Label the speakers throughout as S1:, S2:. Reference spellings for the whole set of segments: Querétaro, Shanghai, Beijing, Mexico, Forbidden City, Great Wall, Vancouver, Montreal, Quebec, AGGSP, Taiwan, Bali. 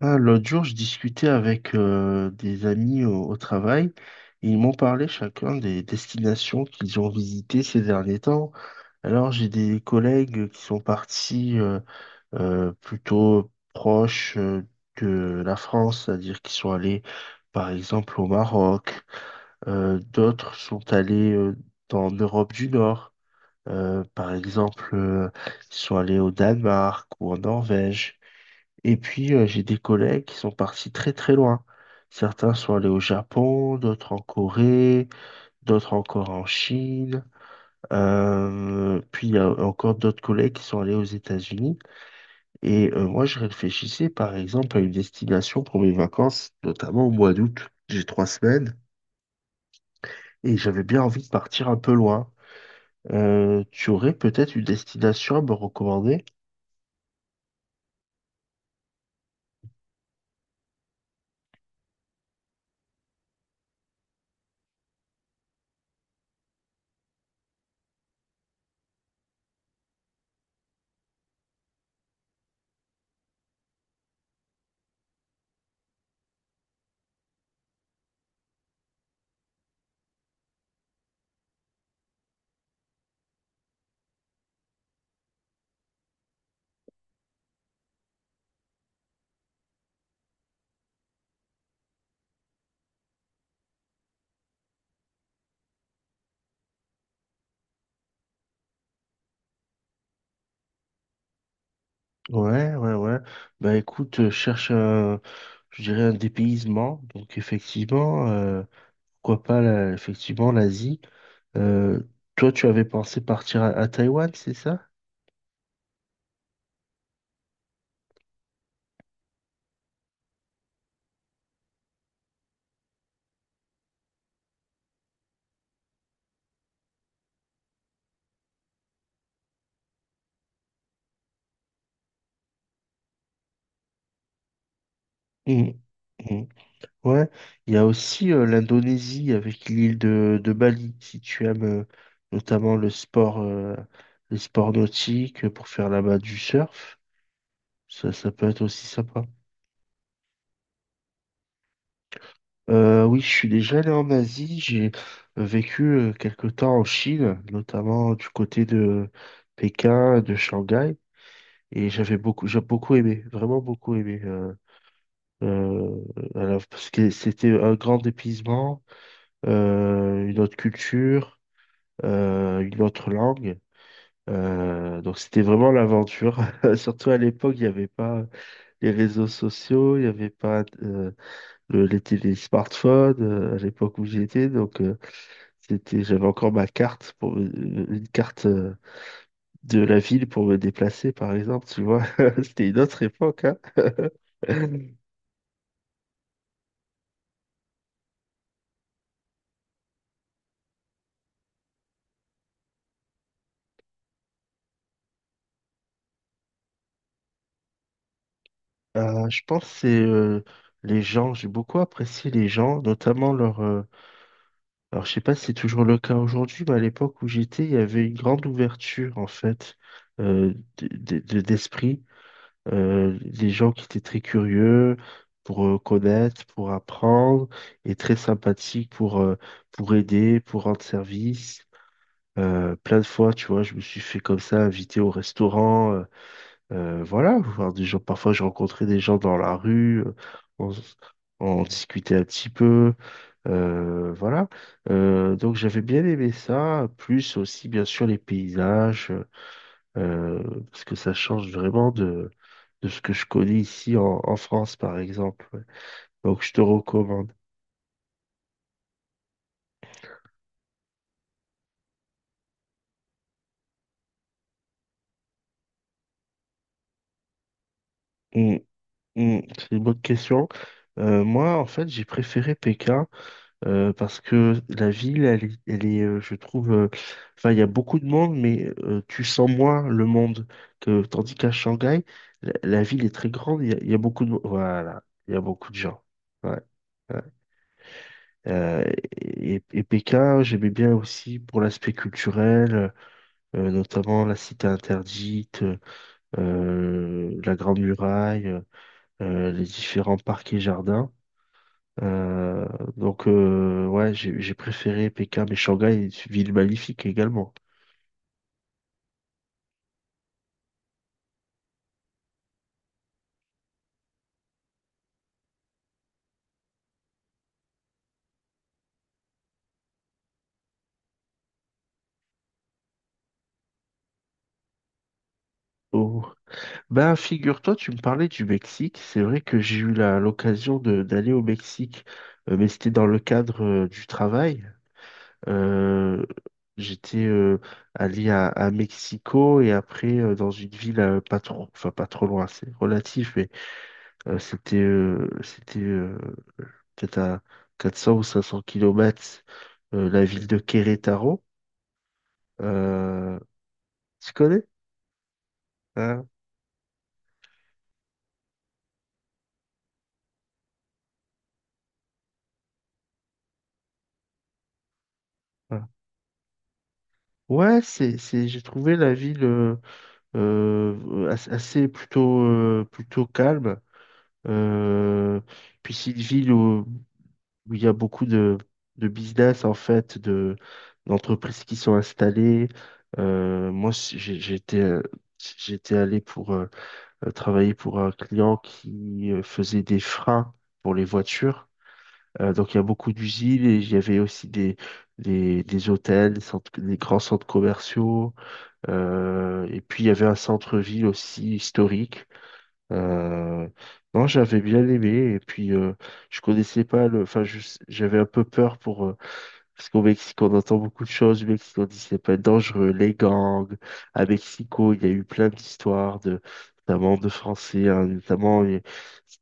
S1: Ah, l'autre jour, je discutais avec des amis au travail et ils m'ont parlé chacun des destinations qu'ils ont visitées ces derniers temps. Alors, j'ai des collègues qui sont partis plutôt proches de la France, c'est-à-dire qu'ils sont allés, par exemple, au Maroc. D'autres sont allés dans l'Europe du Nord. Par exemple, ils sont allés au Danemark ou en Norvège. Et puis, j'ai des collègues qui sont partis très très loin. Certains sont allés au Japon, d'autres en Corée, d'autres encore en Chine. Puis, il y a encore d'autres collègues qui sont allés aux États-Unis. Et moi, je réfléchissais par exemple à une destination pour mes vacances, notamment au mois d'août. J'ai 3 semaines et j'avais bien envie de partir un peu loin. Tu aurais peut-être une destination à me recommander? Ouais, ouais, ouais. Bah écoute, cherche un, je dirais un dépaysement. Donc effectivement, pourquoi pas, effectivement, l'Asie. Euh, Toi, tu avais pensé partir à Taïwan, c'est ça? Mhm. Mhm. Ouais. Il y a aussi l'Indonésie avec l'île de Bali, si tu aimes notamment le sport, les sports nautiques pour faire là-bas du surf. Ça peut être aussi sympa. Oui, je suis déjà allé en Asie. J'ai vécu quelque temps en Chine, notamment du côté de Pékin, de Shanghai. Et j'avais beaucoup, j'ai beaucoup aimé, vraiment beaucoup aimé. Euh, alors, parce que c'était un grand dépaysement, une autre culture, une autre langue. Donc c'était vraiment l'aventure. Surtout à l'époque, il n'y avait pas les réseaux sociaux, il n'y avait pas les télé smartphones à l'époque où j'y étais. Donc, c'était, j'avais encore ma carte, pour, une carte de la ville pour me déplacer, par exemple. Tu vois, c'était une autre époque, hein. Je pense que c'est les gens. J'ai beaucoup apprécié les gens, notamment leur. Alors, je sais pas si c'est toujours le cas aujourd'hui, mais à l'époque où j'étais, il y avait une grande ouverture en fait d'esprit. Des gens qui étaient très curieux pour connaître, pour apprendre, et très sympathiques pour aider, pour rendre service. Plein de fois, tu vois, je me suis fait comme ça, inviter au restaurant, voilà, voir des gens. Parfois, je rencontrais des gens dans la rue, on, s- on discutait un petit peu, voilà. Donc, j'avais bien aimé ça, plus aussi, bien sûr, les paysages. euh, parce que ça change vraiment de ce que je connais ici en France, par exemple. Ouais. Donc, je te recommande. Hum, c'est une bonne question. Moi, en fait, j'ai préféré Pékin parce que la ville, elle est, je trouve, enfin, il y a beaucoup de monde, mais tu sens moins le monde que, tandis qu'à Shanghai, la ville est très grande, il y a beaucoup de, voilà, il y a beaucoup de gens. Ouais. Ouais. Euh, et Pékin, j'aimais bien aussi pour l'aspect culturel, notamment la Cité interdite, la Grande Muraille, les différents parcs et jardins. Euh, donc, ouais, j'ai préféré Pékin, mais Shanghai est une ville magnifique également. Oh. Ben, figure-toi, tu me parlais du Mexique. C'est vrai que j'ai eu l'occasion d'aller au Mexique, mais c'était dans le cadre du travail. Euh, J'étais allé à Mexico et après dans une ville pas trop, enfin pas trop loin, c'est relatif, mais c'était c'était peut-être à 400 ou 500 kilomètres la ville de Querétaro. Euh, Tu connais? Hein. Hein. Ouais, j'ai trouvé la ville assez plutôt, plutôt calme. Euh, Puis c'est une ville où il y a beaucoup de business, en fait, d'entreprises qui sont installées. Moi, j'étais, j'étais allé pour travailler pour un client qui faisait des freins pour les voitures. Donc, il y a beaucoup d'usines et il y avait aussi des hôtels, des grands centres commerciaux. Et puis, il y avait un centre-ville aussi historique. Euh, non, j'avais bien aimé et puis je connaissais pas le. Enfin, j'avais un peu peur pour parce qu'au Mexique on entend beaucoup de choses. Au Mexique on dit c'est pas dangereux, les gangs. À Mexico, il y a eu plein d'histoires de notamment de Français, hein, notamment il y a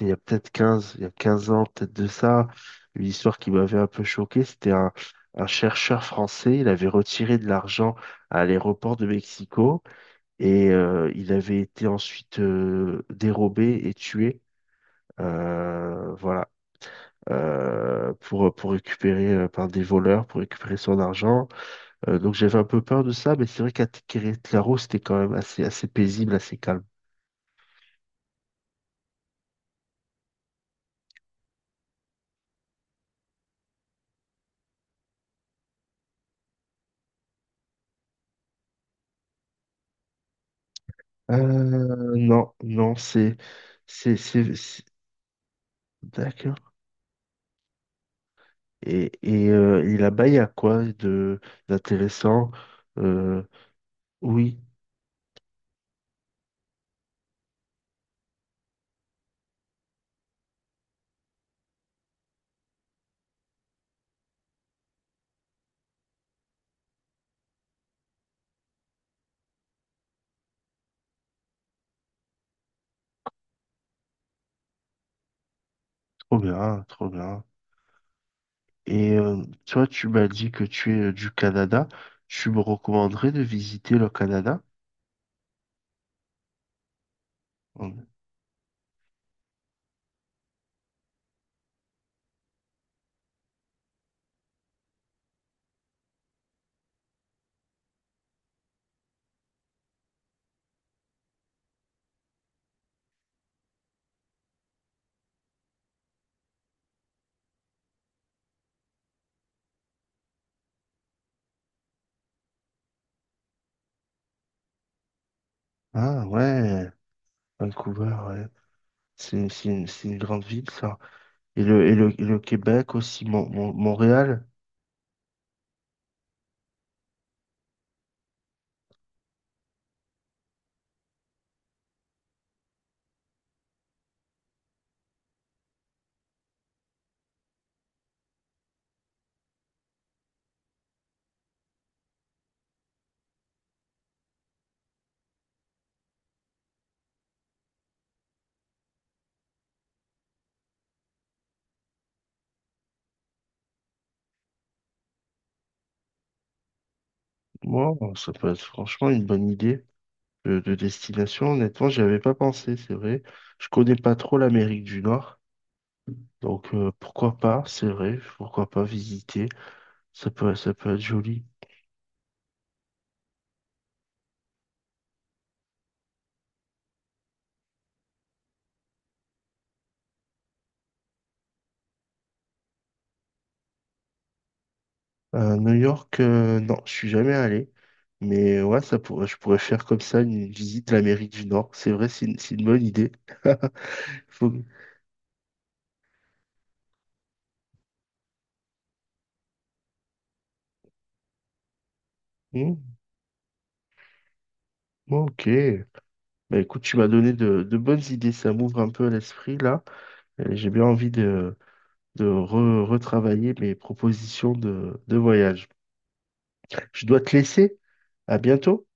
S1: il y a peut-être quinze il y a 15 ans, peut-être de ça, une histoire qui m'avait un peu choqué. C'était un chercheur français, il avait retiré de l'argent à l'aéroport de Mexico. Et il avait été ensuite dérobé et tué, voilà, pour récupérer par des voleurs, pour récupérer son argent. Donc j'avais un peu peur de ça, mais c'est vrai qu'à Querétaro, c'était quand même assez, assez paisible, assez calme. Non, non, c'est, c'est, c'est- d'accord. Et là-bas, il y a quoi de d'intéressant? Euh, oui, trop bien, trop bien. Et toi, tu m'as dit que tu es du Canada. Tu me recommanderais de visiter le Canada? On- Ah ouais, Vancouver, ouais. C'est une grande ville, ça. Et le Québec aussi, Montréal. Wow, ça peut être franchement une bonne idée de destination. Honnêtement, j'y avais pas pensé, c'est vrai. Je connais pas trop l'Amérique du Nord. Donc pourquoi pas, c'est vrai, pourquoi pas visiter. Ça peut être joli. New York, non, je suis jamais allé. Mais ouais, ça pourrait, je pourrais faire comme ça une visite de l'Amérique du Nord. C'est vrai, c'est une bonne idée. Faut- Hmm, ok. Bah écoute, tu m'as donné de bonnes idées. Ça m'ouvre un peu l'esprit là. Et j'ai bien envie de retravailler mes propositions de voyage. Je dois te laisser. À bientôt.